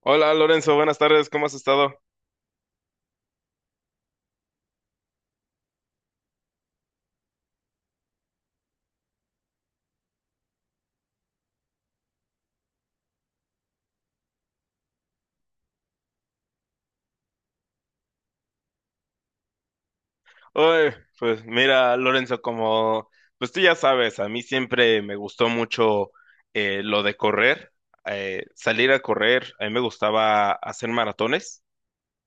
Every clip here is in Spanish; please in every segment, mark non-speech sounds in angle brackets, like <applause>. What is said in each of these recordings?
Hola Lorenzo, buenas tardes, ¿cómo has estado? Oye, pues mira Lorenzo, como pues tú ya sabes, a mí siempre me gustó mucho lo de correr, salir a correr, a mí me gustaba hacer maratones.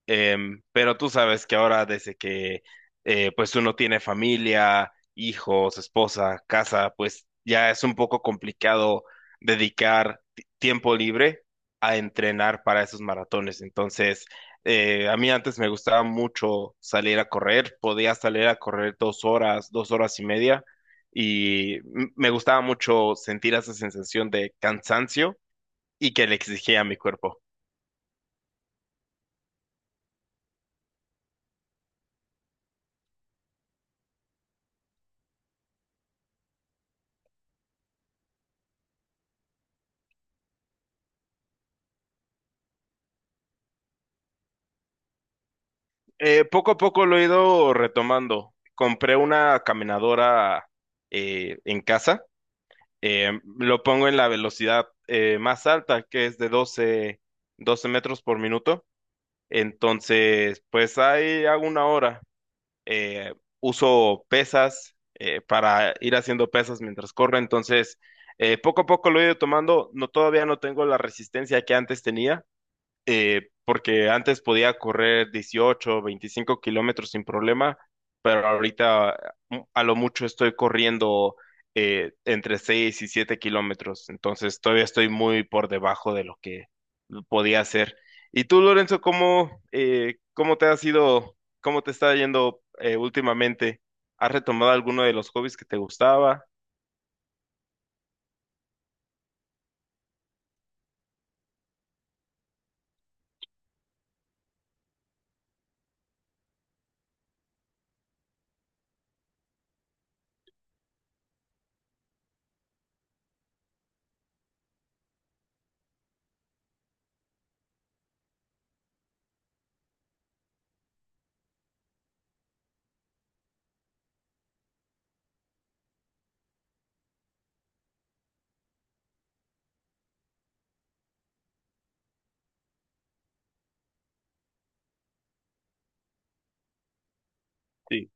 Pero tú sabes que ahora desde que pues uno tiene familia, hijos, esposa, casa, pues ya es un poco complicado dedicar tiempo libre a entrenar para esos maratones. Entonces, a mí antes me gustaba mucho salir a correr, podía salir a correr 2 horas, 2 horas y media, y me gustaba mucho sentir esa sensación de cansancio y que le exigía a mi cuerpo. Poco a poco lo he ido retomando. Compré una caminadora en casa. Lo pongo en la velocidad más alta, que es de doce metros por minuto. Entonces, pues ahí hago 1 hora. Eh, uso pesas para ir haciendo pesas mientras corro. Entonces, poco a poco lo he ido tomando. No, todavía no tengo la resistencia que antes tenía porque antes podía correr 18 25 km sin problema, pero ahorita a lo mucho estoy corriendo entre 6 y 7 km, entonces todavía estoy muy por debajo de lo que podía hacer. ¿Y tú, Lorenzo, cómo, cómo te ha sido cómo te está yendo últimamente? ¿Has retomado alguno de los hobbies que te gustaba? Sí.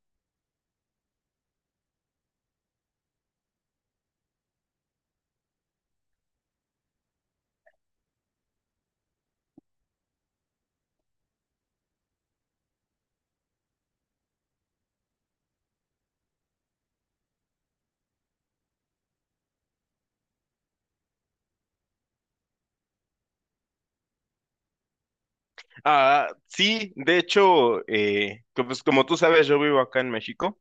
Ah, sí, de hecho, pues como tú sabes, yo vivo acá en México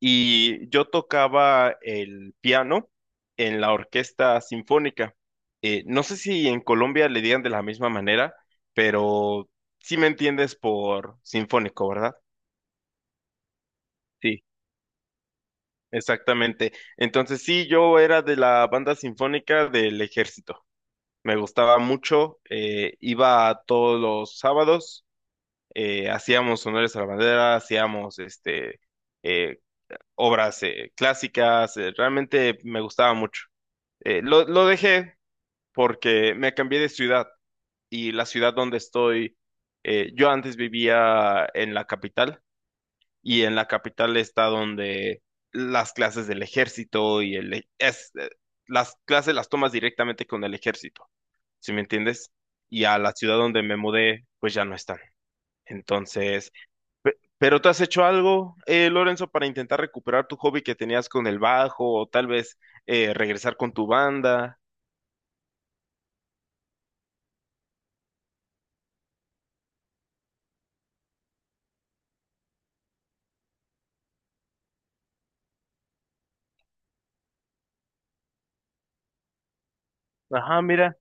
y yo tocaba el piano en la orquesta sinfónica. No sé si en Colombia le digan de la misma manera, pero sí me entiendes por sinfónico, ¿verdad? Sí, exactamente. Entonces sí, yo era de la banda sinfónica del ejército. Me gustaba mucho, iba a todos los sábados, hacíamos honores a la bandera, hacíamos eh, obras clásicas. Realmente me gustaba mucho. Lo dejé porque me cambié de ciudad y la ciudad donde estoy, yo antes vivía en la capital y en la capital está donde las clases del ejército las clases las tomas directamente con el ejército, ¿sí me entiendes? Y a la ciudad donde me mudé, pues ya no están. Entonces, ¿pero tú has hecho algo, Lorenzo, para intentar recuperar tu hobby que tenías con el bajo o tal vez regresar con tu banda? Ajá, mira.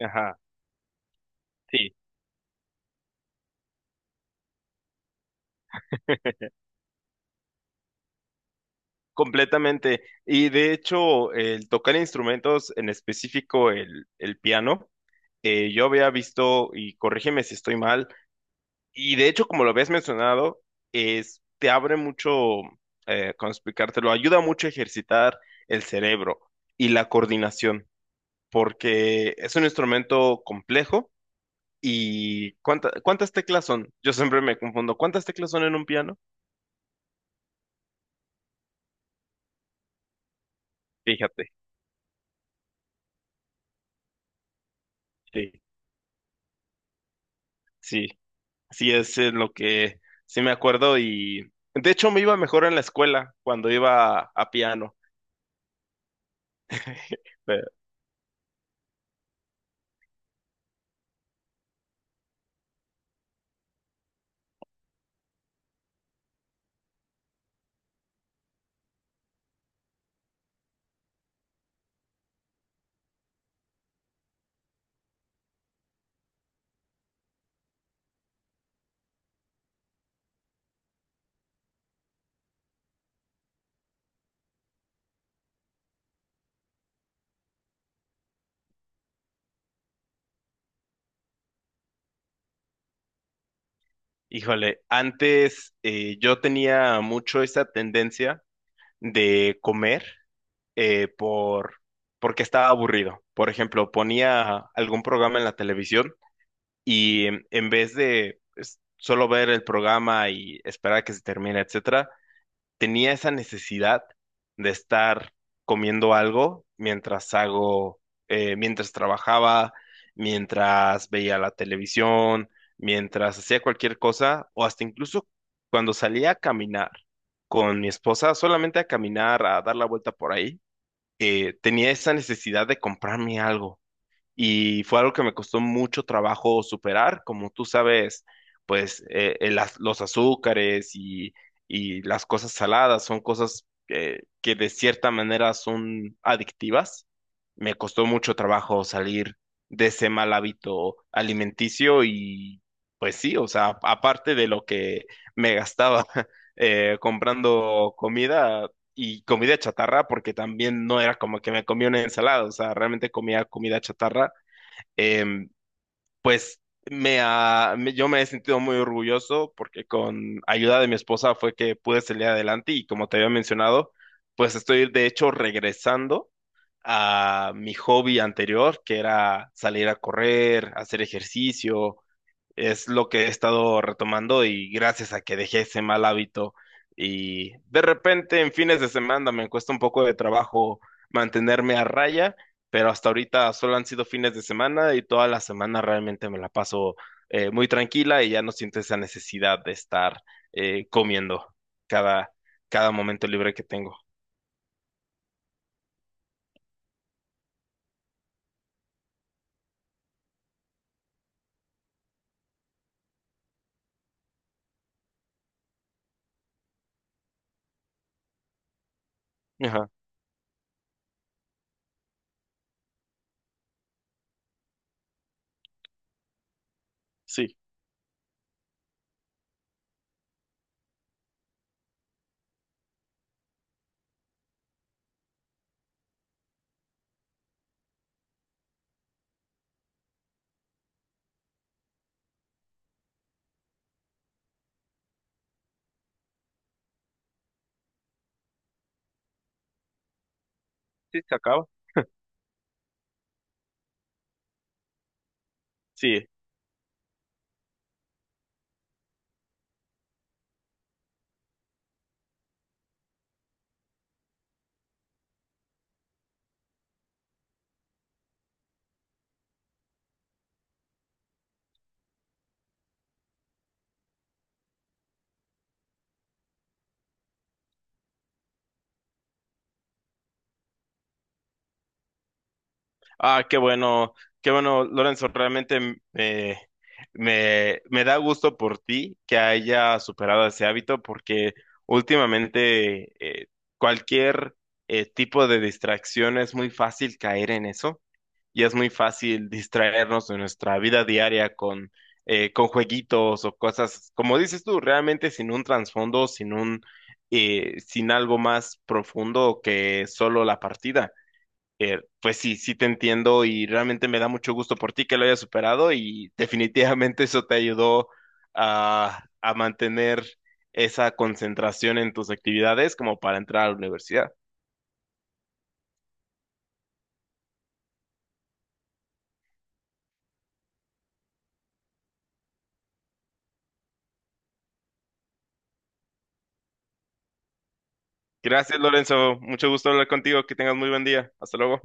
Ajá, sí, completamente. Y de hecho, el tocar instrumentos, en específico el piano, yo había visto, y corrígeme si estoy mal, y de hecho, como lo habías mencionado, es, te abre mucho, ¿cómo explicártelo? Ayuda mucho a ejercitar el cerebro y la coordinación, porque es un instrumento complejo. ¿Y cuántas teclas son? Yo siempre me confundo. ¿Cuántas teclas son en un piano? Fíjate, sí, sí. Sí, es en lo que sí me acuerdo y de hecho me iba mejor en la escuela cuando iba a piano. <laughs> Pero, híjole, antes yo tenía mucho esa tendencia de comer eh, por porque estaba aburrido. Por ejemplo, ponía algún programa en la televisión y en vez de pues, solo ver el programa y esperar a que se termine, etcétera, tenía esa necesidad de estar comiendo algo mientras hago, mientras trabajaba, mientras veía la televisión, mientras hacía cualquier cosa, o hasta incluso cuando salía a caminar con mi esposa, solamente a caminar, a dar la vuelta por ahí, tenía esa necesidad de comprarme algo y fue algo que me costó mucho trabajo superar, como tú sabes, pues los azúcares y las cosas saladas son cosas que de cierta manera son adictivas. Me costó mucho trabajo salir de ese mal hábito alimenticio y pues sí, o sea, aparte de lo que me gastaba <laughs> comprando comida, y comida chatarra, porque también no era como que me comía una ensalada, o sea, realmente comía comida chatarra. em, pues yo me he sentido muy orgulloso porque con ayuda de mi esposa fue que pude salir adelante y, como te había mencionado, pues estoy de hecho regresando a mi hobby anterior, que era salir a correr, hacer ejercicio. Es lo que he estado retomando y gracias a que dejé ese mal hábito. Y de repente en fines de semana me cuesta un poco de trabajo mantenerme a raya, pero hasta ahorita solo han sido fines de semana y toda la semana realmente me la paso muy tranquila y ya no siento esa necesidad de estar comiendo cada, cada momento libre que tengo. Ajá, sí, sí, se acaba. Sí, ah, qué bueno, Lorenzo, realmente me da gusto por ti que haya superado ese hábito porque últimamente eh, cualquier tipo de distracción es muy fácil caer en eso y es muy fácil distraernos de nuestra vida diaria con jueguitos o cosas, como dices tú, realmente sin un trasfondo, sin algo más profundo que solo la partida. Pues sí, sí te entiendo y realmente me da mucho gusto por ti que lo hayas superado y definitivamente eso te ayudó a mantener esa concentración en tus actividades como para entrar a la universidad. Gracias, Lorenzo. Mucho gusto hablar contigo. Que tengas muy buen día. Hasta luego.